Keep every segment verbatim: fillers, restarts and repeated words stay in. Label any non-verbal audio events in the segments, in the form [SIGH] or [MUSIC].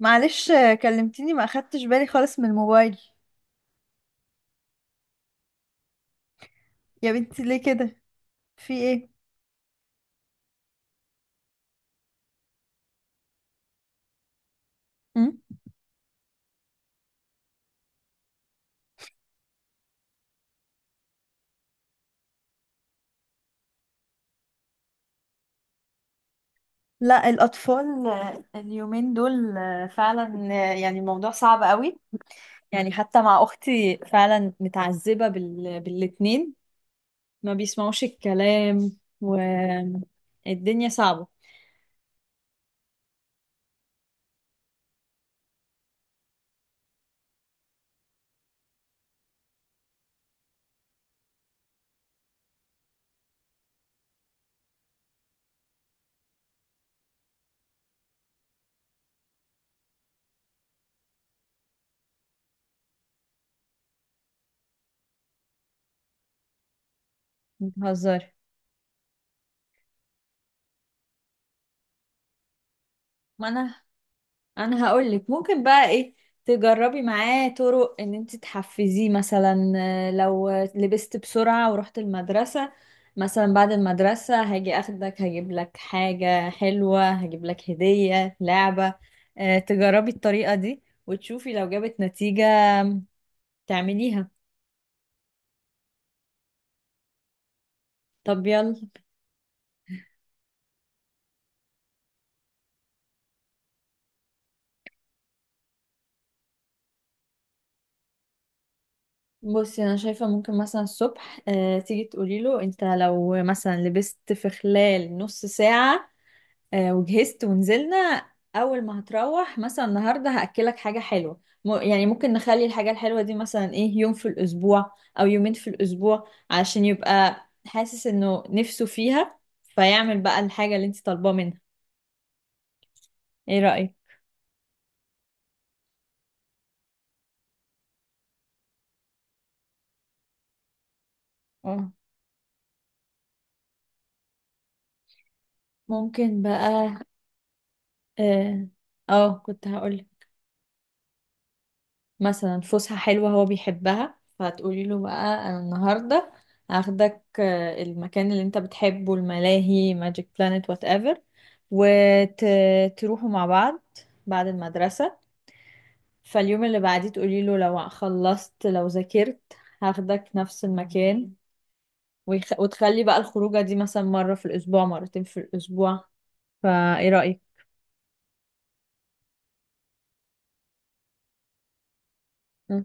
معلش آه، كلمتيني ما اخدتش بالي خالص من الموبايل. يا بنتي ليه كده؟ في ايه؟ مم. لا الاطفال آه، اليومين دول آه، فعلا، آه، يعني الموضوع صعب قوي. يعني حتى مع اختي فعلا متعذبة بال... بالاتنين، ما بيسمعوش الكلام، والدنيا صعبة. بتهزري؟ ما انا انا هقولك ممكن بقى ايه. تجربي معاه طرق ان انت تحفزيه، مثلا آه، لو لبست بسرعة ورحت المدرسة، مثلا بعد المدرسة هاجي اخدك، هجيب لك حاجة حلوة، هجيب لك هدية لعبة. آه، تجربي الطريقة دي وتشوفي لو جابت نتيجة تعمليها. طب يلا. بصي انا شايفة ممكن مثلا الصبح آه، تيجي تقولي له انت لو مثلا لبست في خلال نص ساعة آه، وجهزت ونزلنا، اول ما هتروح مثلا النهارده هاكلك حاجه حلوه، م- يعني ممكن نخلي الحاجه الحلوه دي مثلا ايه، يوم في الاسبوع او يومين في الاسبوع، عشان يبقى حاسس انه نفسه فيها، فيعمل بقى الحاجه اللي انت طالباه منها. ايه رايك؟ اه، ممكن بقى. اه، آه، كنت هقول مثلا فسحة حلوة هو بيحبها، فهتقولي له بقى أنا النهاردة هاخدك آه، المكان اللي انت بتحبه، الملاهي، ماجيك بلانت، وات ايفر، وتروحوا مع بعض بعد المدرسة. فاليوم اللي بعديه تقولي له لو خلصت، لو ذاكرت، هاخدك نفس المكان. ويخ... وتخلي بقى الخروجة دي مثلا مرة في الأسبوع، مرتين في الأسبوع. فايه رأيك؟ مم.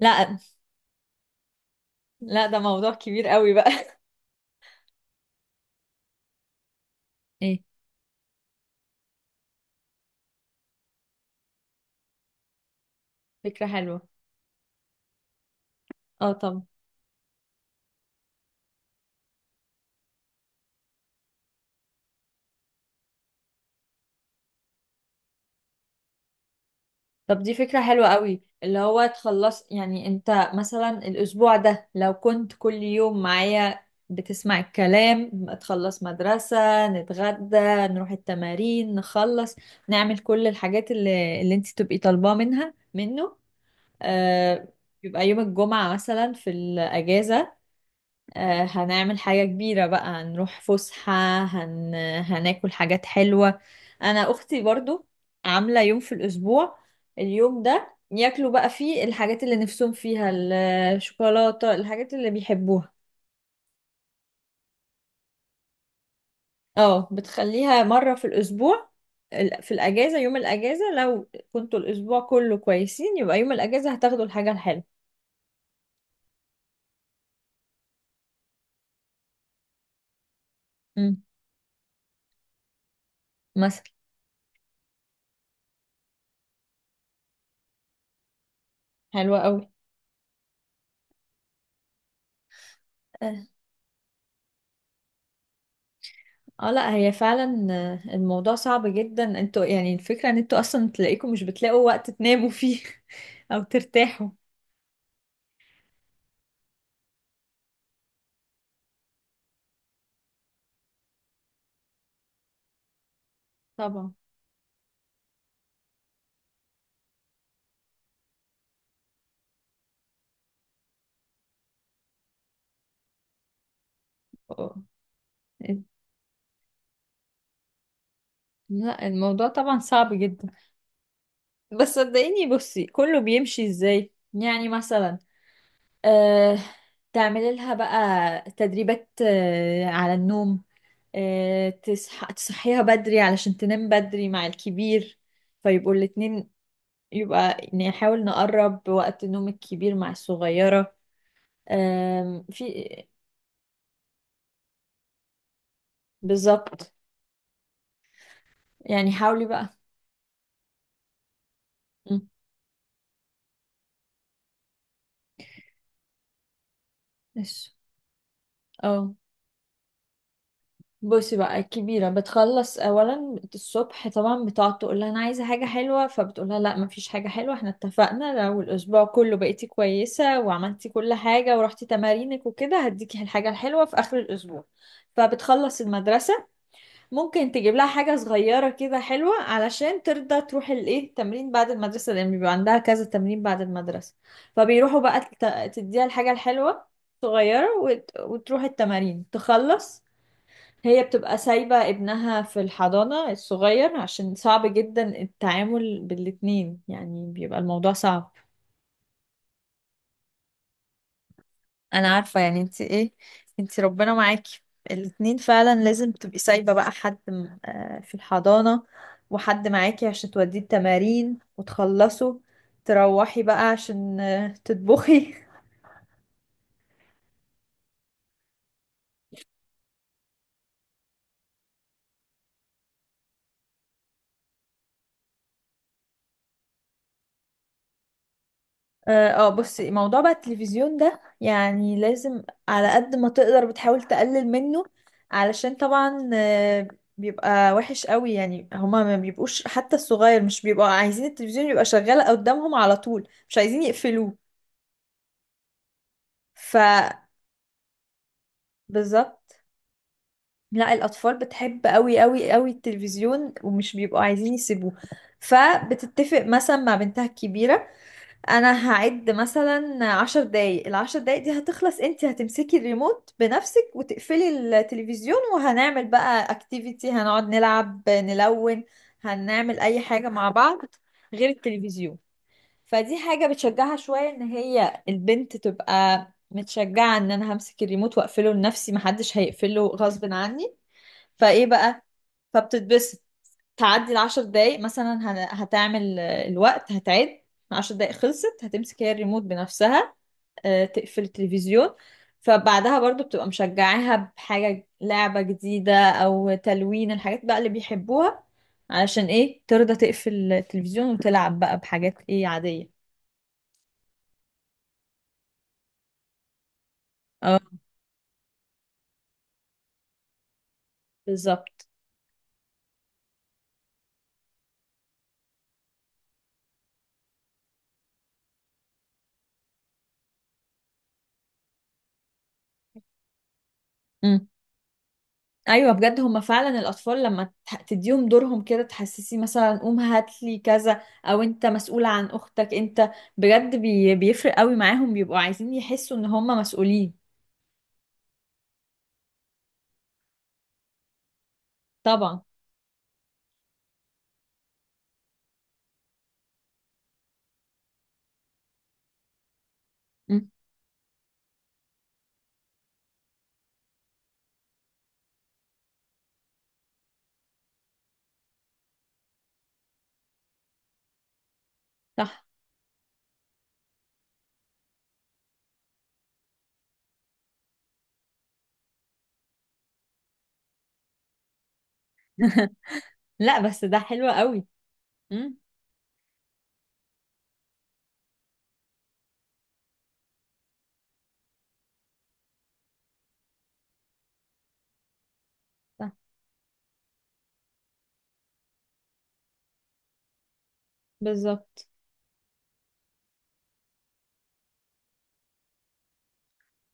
لا، لا ده موضوع كبير قوي بقى. [LAUGHS] ايه؟ فكرة حلوة. اه طبعا. طب دي فكرة حلوة قوي، اللي هو تخلص يعني انت مثلا الأسبوع ده لو كنت كل يوم معايا بتسمع الكلام، تخلص مدرسة، نتغدى، نروح التمارين، نخلص، نعمل كل الحاجات اللي, اللي انت تبقي طالباه منها منه. آه، يبقى يوم الجمعة مثلا في الأجازة آه، هنعمل حاجة كبيرة بقى، هنروح فسحة، هن... هناكل حاجات حلوة. أنا أختي برضو عاملة يوم في الأسبوع، اليوم ده ياكلوا بقى فيه الحاجات اللي نفسهم فيها، الشوكولاتة، الحاجات اللي بيحبوها. اه، بتخليها مرة في الأسبوع، ال- في الأجازة، يوم الأجازة لو كنتوا الأسبوع كله كويسين يبقى يوم الأجازة هتاخدوا الحاجة الحلوة. مم. مثلا. حلوة أوي. اه لا هي فعلا آه، الموضوع صعب جدا. انتوا يعني الفكرة ان انتوا اصلا تلاقيكم مش بتلاقوا وقت تناموا فيه [LAUGHS] او ترتاحوا. طبعا. اه. لا الموضوع طبعا صعب جدا، بس صدقيني بصي كله بيمشي ازاي، يعني مثلا آه تعملي لها بقى تدريبات آه على النوم، آه تصح... تصحيها بدري علشان تنام بدري مع الكبير، فيبقوا الاتنين، يبقى يعني نحاول نقرب وقت نوم الكبير مع الصغيرة. آم، في. بالظبط. يعني حاولي بقى. مم. ماشي. اه بصي بقى الكبيرة بتخلص أولا الصبح طبعا، بتقعد تقول لها أنا عايزة حاجة حلوة، فبتقول لها لا مفيش حاجة حلوة، احنا اتفقنا لو الأسبوع كله بقيتي كويسة وعملتي كل حاجة ورحتي تمارينك وكده هديكي الحاجة الحلوة في آخر الأسبوع. فبتخلص المدرسة، ممكن تجيب لها حاجة صغيرة كده حلوة علشان ترضى تروح الايه التمرين بعد المدرسة، لأن بيبقى عندها كذا تمرين بعد المدرسة. فبيروحوا بقى، تت- تديها الحاجة الحلوة صغيرة، وت- وتروح التمارين، تخلص. هي بتبقى سايبة ابنها في الحضانة الصغير عشان صعب جدا التعامل بالاتنين، يعني بيبقى الموضوع صعب. انا عارفة يعني انت ايه، انت ربنا معاكي. الاتنين فعلا لازم تبقي سايبة بقى حد م- آه، في الحضانة، وحد معاكي عشان توديه التمارين وتخلصوا تروحي بقى عشان آه، تطبخي. [LAUGHS] اه آه، بصي موضوع بقى التلفزيون ده يعني لازم على قد ما تقدر بتحاول تقلل منه، علشان طبعا آه، بيبقى وحش قوي. يعني هما ما بيبقوش، حتى الصغير، مش بيبقوا عايزين التلفزيون يبقى شغال قدامهم على طول، مش عايزين يقفلوه. ف. بالظبط. لا الأطفال بتحب قوي قوي قوي التلفزيون ومش بيبقوا عايزين يسيبوه، فبتتفق مثلا مع بنتها الكبيرة أنا هعد مثلا عشر دقايق، العشر دقايق دي هتخلص انت هتمسكي الريموت بنفسك وتقفلي التلفزيون، وهنعمل بقى اكتيفيتي، هنقعد نلعب، نلون، هنعمل أي حاجة مع بعض غير التلفزيون. فدي حاجة بتشجعها شوية ان هي البنت تبقى متشجعة ان انا همسك الريموت واقفله لنفسي، محدش هيقفله غصب عني. فايه بقى، فبتتبسط. تعدي العشر دقايق مثلا، هن- هتعمل آه، الوقت، هتعد عشر دقايق، خلصت، هتمسك هي الريموت بنفسها آه، تقفل التلفزيون. فبعدها برضو بتبقى مشجعاها بحاجة لعبة جديدة أو تلوين الحاجات بقى اللي بيحبوها، علشان ايه ترضى تقفل التلفزيون وتلعب بقى بحاجات ايه عادية. اه بالظبط. مم. ايوه بجد هما فعلا الاطفال لما تح- تديهم دورهم كده، تحسسي مثلا قوم هات لي كذا او انت مسؤولة عن اختك، انت بجد بي بيفرق قوي معاهم، بيبقوا عايزين يحسوا ان هما مسؤولين. طبعا. مم. صح. [LAUGHS] لا بس ده حلو قوي. مم. صح. بالظبط.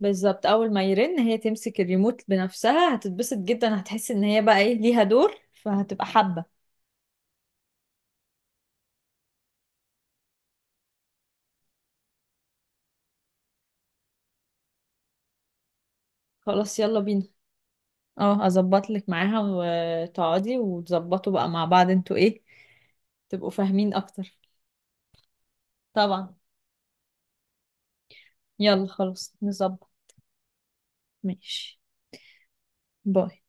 بالظبط، اول ما يرن هي تمسك الريموت بنفسها هتتبسط جدا، هتحس ان هي بقى ايه ليها دور، فهتبقى حابة. خلاص يلا بينا. اه اظبط لك معاها وتقعدي وتظبطوا بقى مع بعض انتوا ايه، تبقوا فاهمين اكتر. طبعا. يلا خلاص نظبط. ماشي. باي.